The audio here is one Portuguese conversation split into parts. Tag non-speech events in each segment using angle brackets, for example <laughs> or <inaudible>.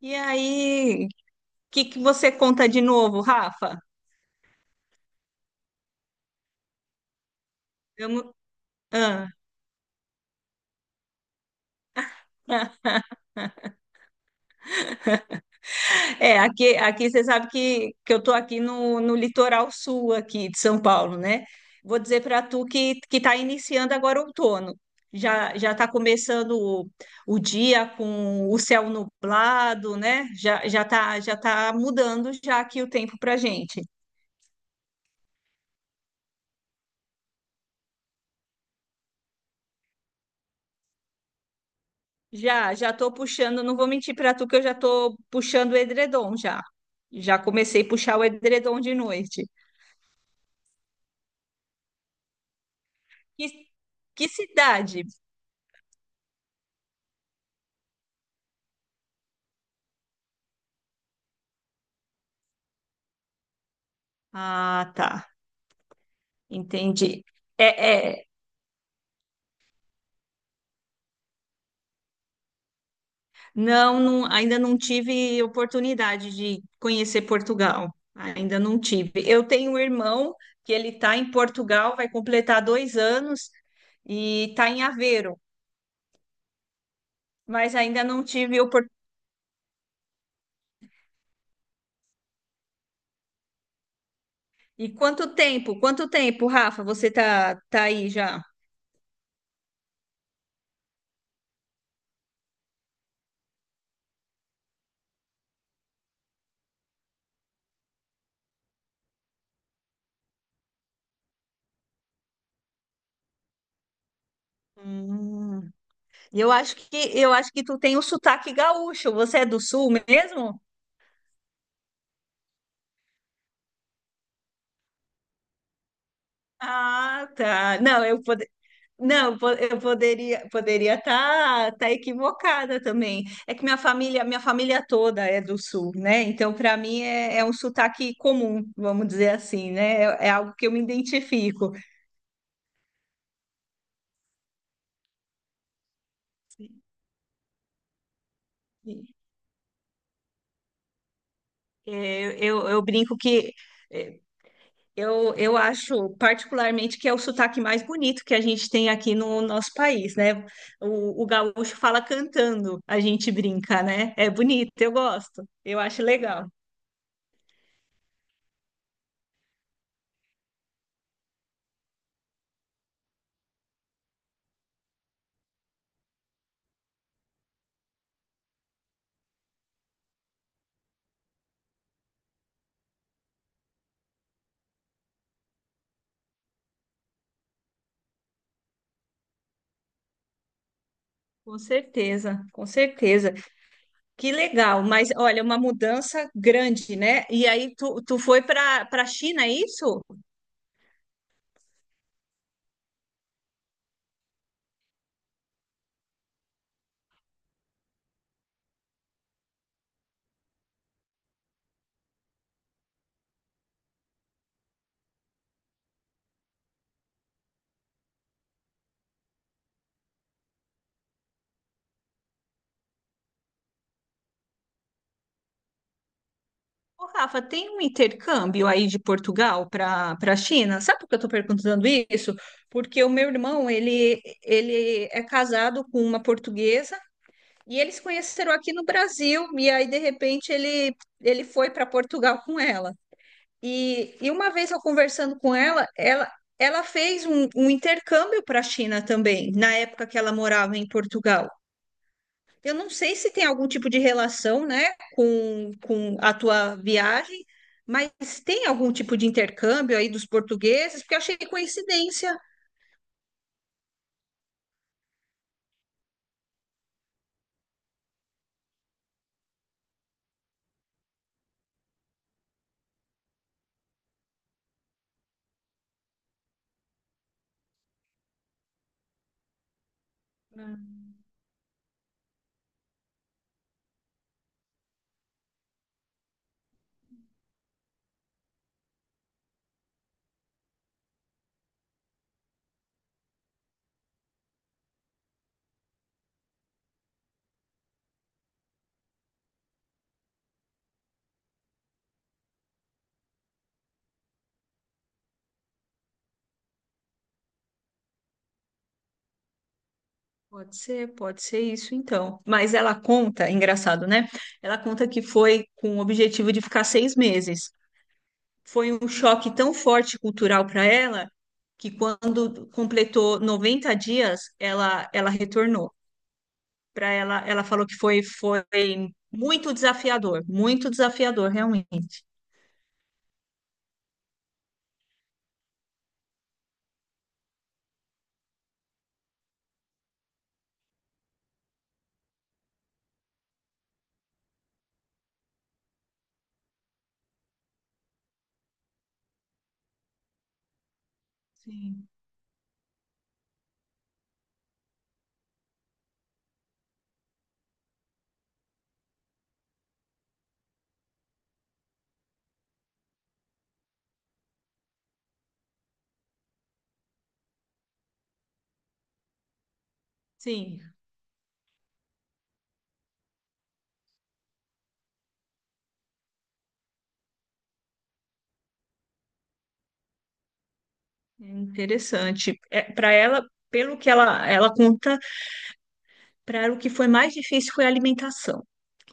E aí, o que que você conta de novo, Rafa? Vamos- ah, <laughs> É, aqui você sabe que eu tô aqui no litoral sul aqui de São Paulo, né? Vou dizer para tu que está iniciando agora o outono. Já está começando o dia com o céu nublado, né? Já tá mudando já aqui o tempo para gente. Já tô puxando, não vou mentir pra tu que eu já tô puxando o edredom já. Já comecei a puxar o edredom de noite. Que, que cidade? Ah, tá, entendi. É, não, não, ainda não tive oportunidade de conhecer Portugal. Ainda não tive. Eu tenho um irmão que ele está em Portugal, vai completar 2 anos e está em Aveiro, mas ainda não tive oportunidade. E quanto tempo? Quanto tempo, Rafa? Você tá aí já? Hum. E eu acho que tu tem o sotaque gaúcho. Você é do sul mesmo? Ah, tá. Não, eu pode. Não, eu poderia estar equivocada também. É que minha família toda é do sul, né? Então para mim é um sotaque comum, vamos dizer assim, né? É algo que eu me identifico. É, eu brinco que eu acho particularmente que é o sotaque mais bonito que a gente tem aqui no nosso país, né? O gaúcho fala cantando, a gente brinca, né? É bonito, eu gosto, eu acho legal. Com certeza, com certeza. Que legal, mas olha, uma mudança grande, né? E aí tu foi para a China, é isso? Ô, Rafa, tem um intercâmbio aí de Portugal para a China? Sabe por que eu estou perguntando isso? Porque o meu irmão, ele é casado com uma portuguesa e eles se conheceram aqui no Brasil e aí, de repente, ele foi para Portugal com ela. E uma vez eu conversando com ela, ela, fez um intercâmbio para a China também, na época que ela morava em Portugal. Eu não sei se tem algum tipo de relação, né, com a tua viagem, mas tem algum tipo de intercâmbio aí dos portugueses, porque eu achei coincidência. Pode ser isso então. Mas ela conta, é engraçado, né? Ela conta que foi com o objetivo de ficar 6 meses. Foi um choque tão forte cultural para ela que quando completou 90 dias, ela retornou. Para ela, ela falou que foi muito desafiador, realmente. Sim, sim, é interessante. É, para ela, pelo que ela conta, para ela o que foi mais difícil foi a alimentação.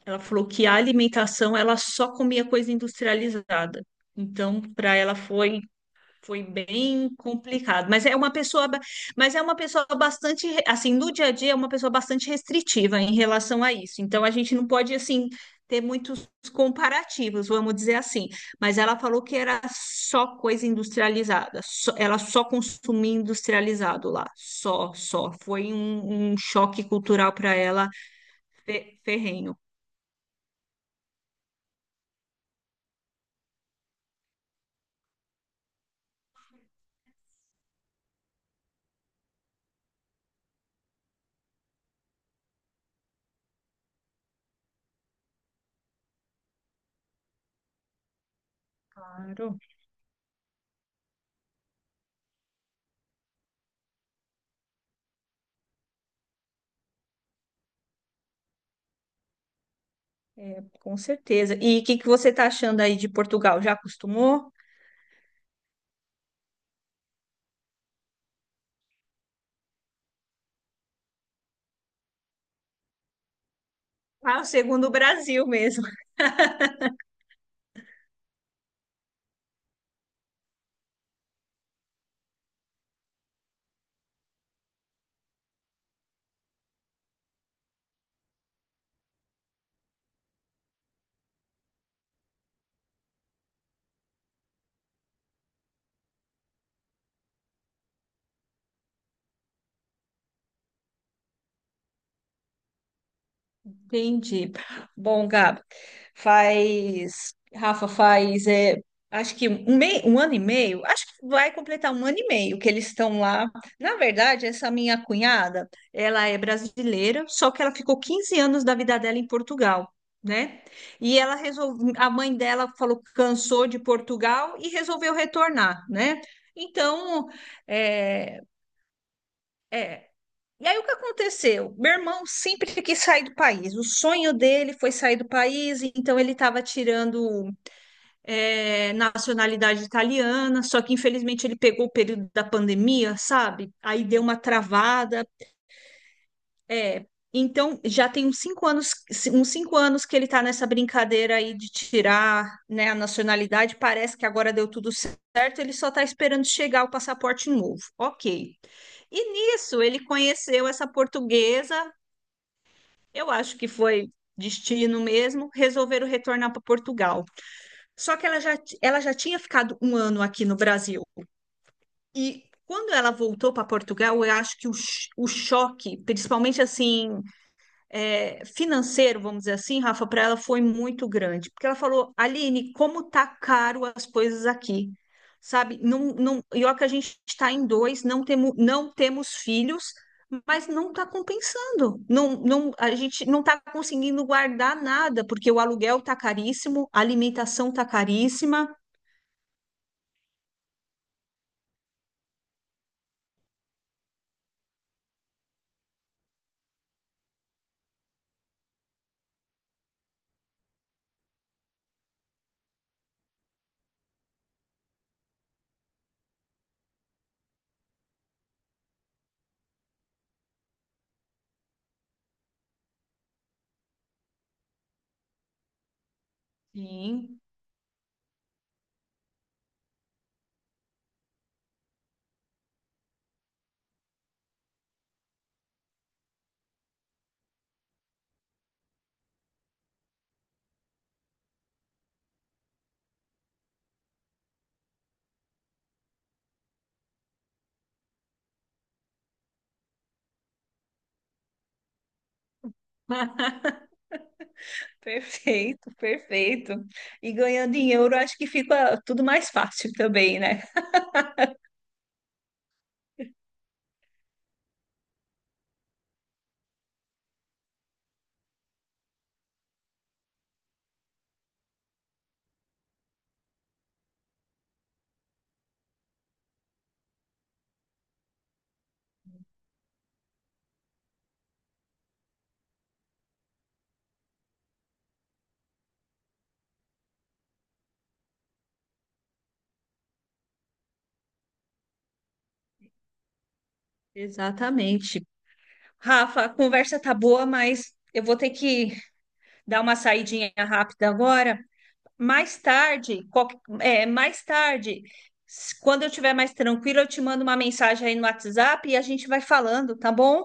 Ela falou que a alimentação ela só comia coisa industrializada. Então, para ela foi bem complicado, mas é uma pessoa bastante, assim, no dia a dia é uma pessoa bastante restritiva em relação a isso. Então a gente não pode assim ter muitos comparativos, vamos dizer assim. Mas ela falou que era só coisa industrializada, ela só consumia industrializado lá, só, só. Foi um choque cultural para ela ferrenho. Claro, é, com certeza. E o que que você está achando aí de Portugal? Já acostumou? Ah, o segundo Brasil mesmo. Entendi. Bom, Gabi, faz. Rafa, faz. É, acho que um ano e meio. Acho que vai completar um ano e meio que eles estão lá. Na verdade, essa minha cunhada, ela é brasileira, só que ela ficou 15 anos da vida dela em Portugal, né? E ela resolveu. A mãe dela falou que cansou de Portugal e resolveu retornar, né? Então, é, é, e aí o que aconteceu? Meu irmão sempre quis sair do país. O sonho dele foi sair do país, então ele estava tirando nacionalidade italiana, só que infelizmente ele pegou o período da pandemia, sabe? Aí deu uma travada. É. Então já tem uns 5 anos, uns 5 anos que ele está nessa brincadeira aí de tirar, né, a nacionalidade. Parece que agora deu tudo certo, ele só está esperando chegar o passaporte novo. Ok. E nisso ele conheceu essa portuguesa. Eu acho que foi destino mesmo, resolveram retornar para Portugal. Só que ela já tinha ficado um ano aqui no Brasil. E quando ela voltou para Portugal, eu acho que o choque, principalmente assim, é, financeiro, vamos dizer assim, Rafa, para ela foi muito grande. Porque ela falou, Aline, como tá caro as coisas aqui, sabe? Não, não, e ó que a gente está em dois, não temos filhos, mas não está compensando. Não, não, a gente não está conseguindo guardar nada, porque o aluguel tá caríssimo, a alimentação tá caríssima. Sim. <laughs> Perfeito, perfeito. E ganhando em euro, acho que fica tudo mais fácil também, né? <laughs> Exatamente. Rafa, a conversa tá boa, mas eu vou ter que dar uma saidinha rápida agora. Mais tarde, quando eu estiver mais tranquila, eu te mando uma mensagem aí no WhatsApp e a gente vai falando, tá bom?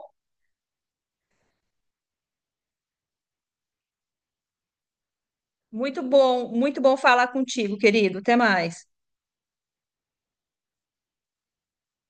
Muito bom, muito bom falar contigo, querido. Até mais.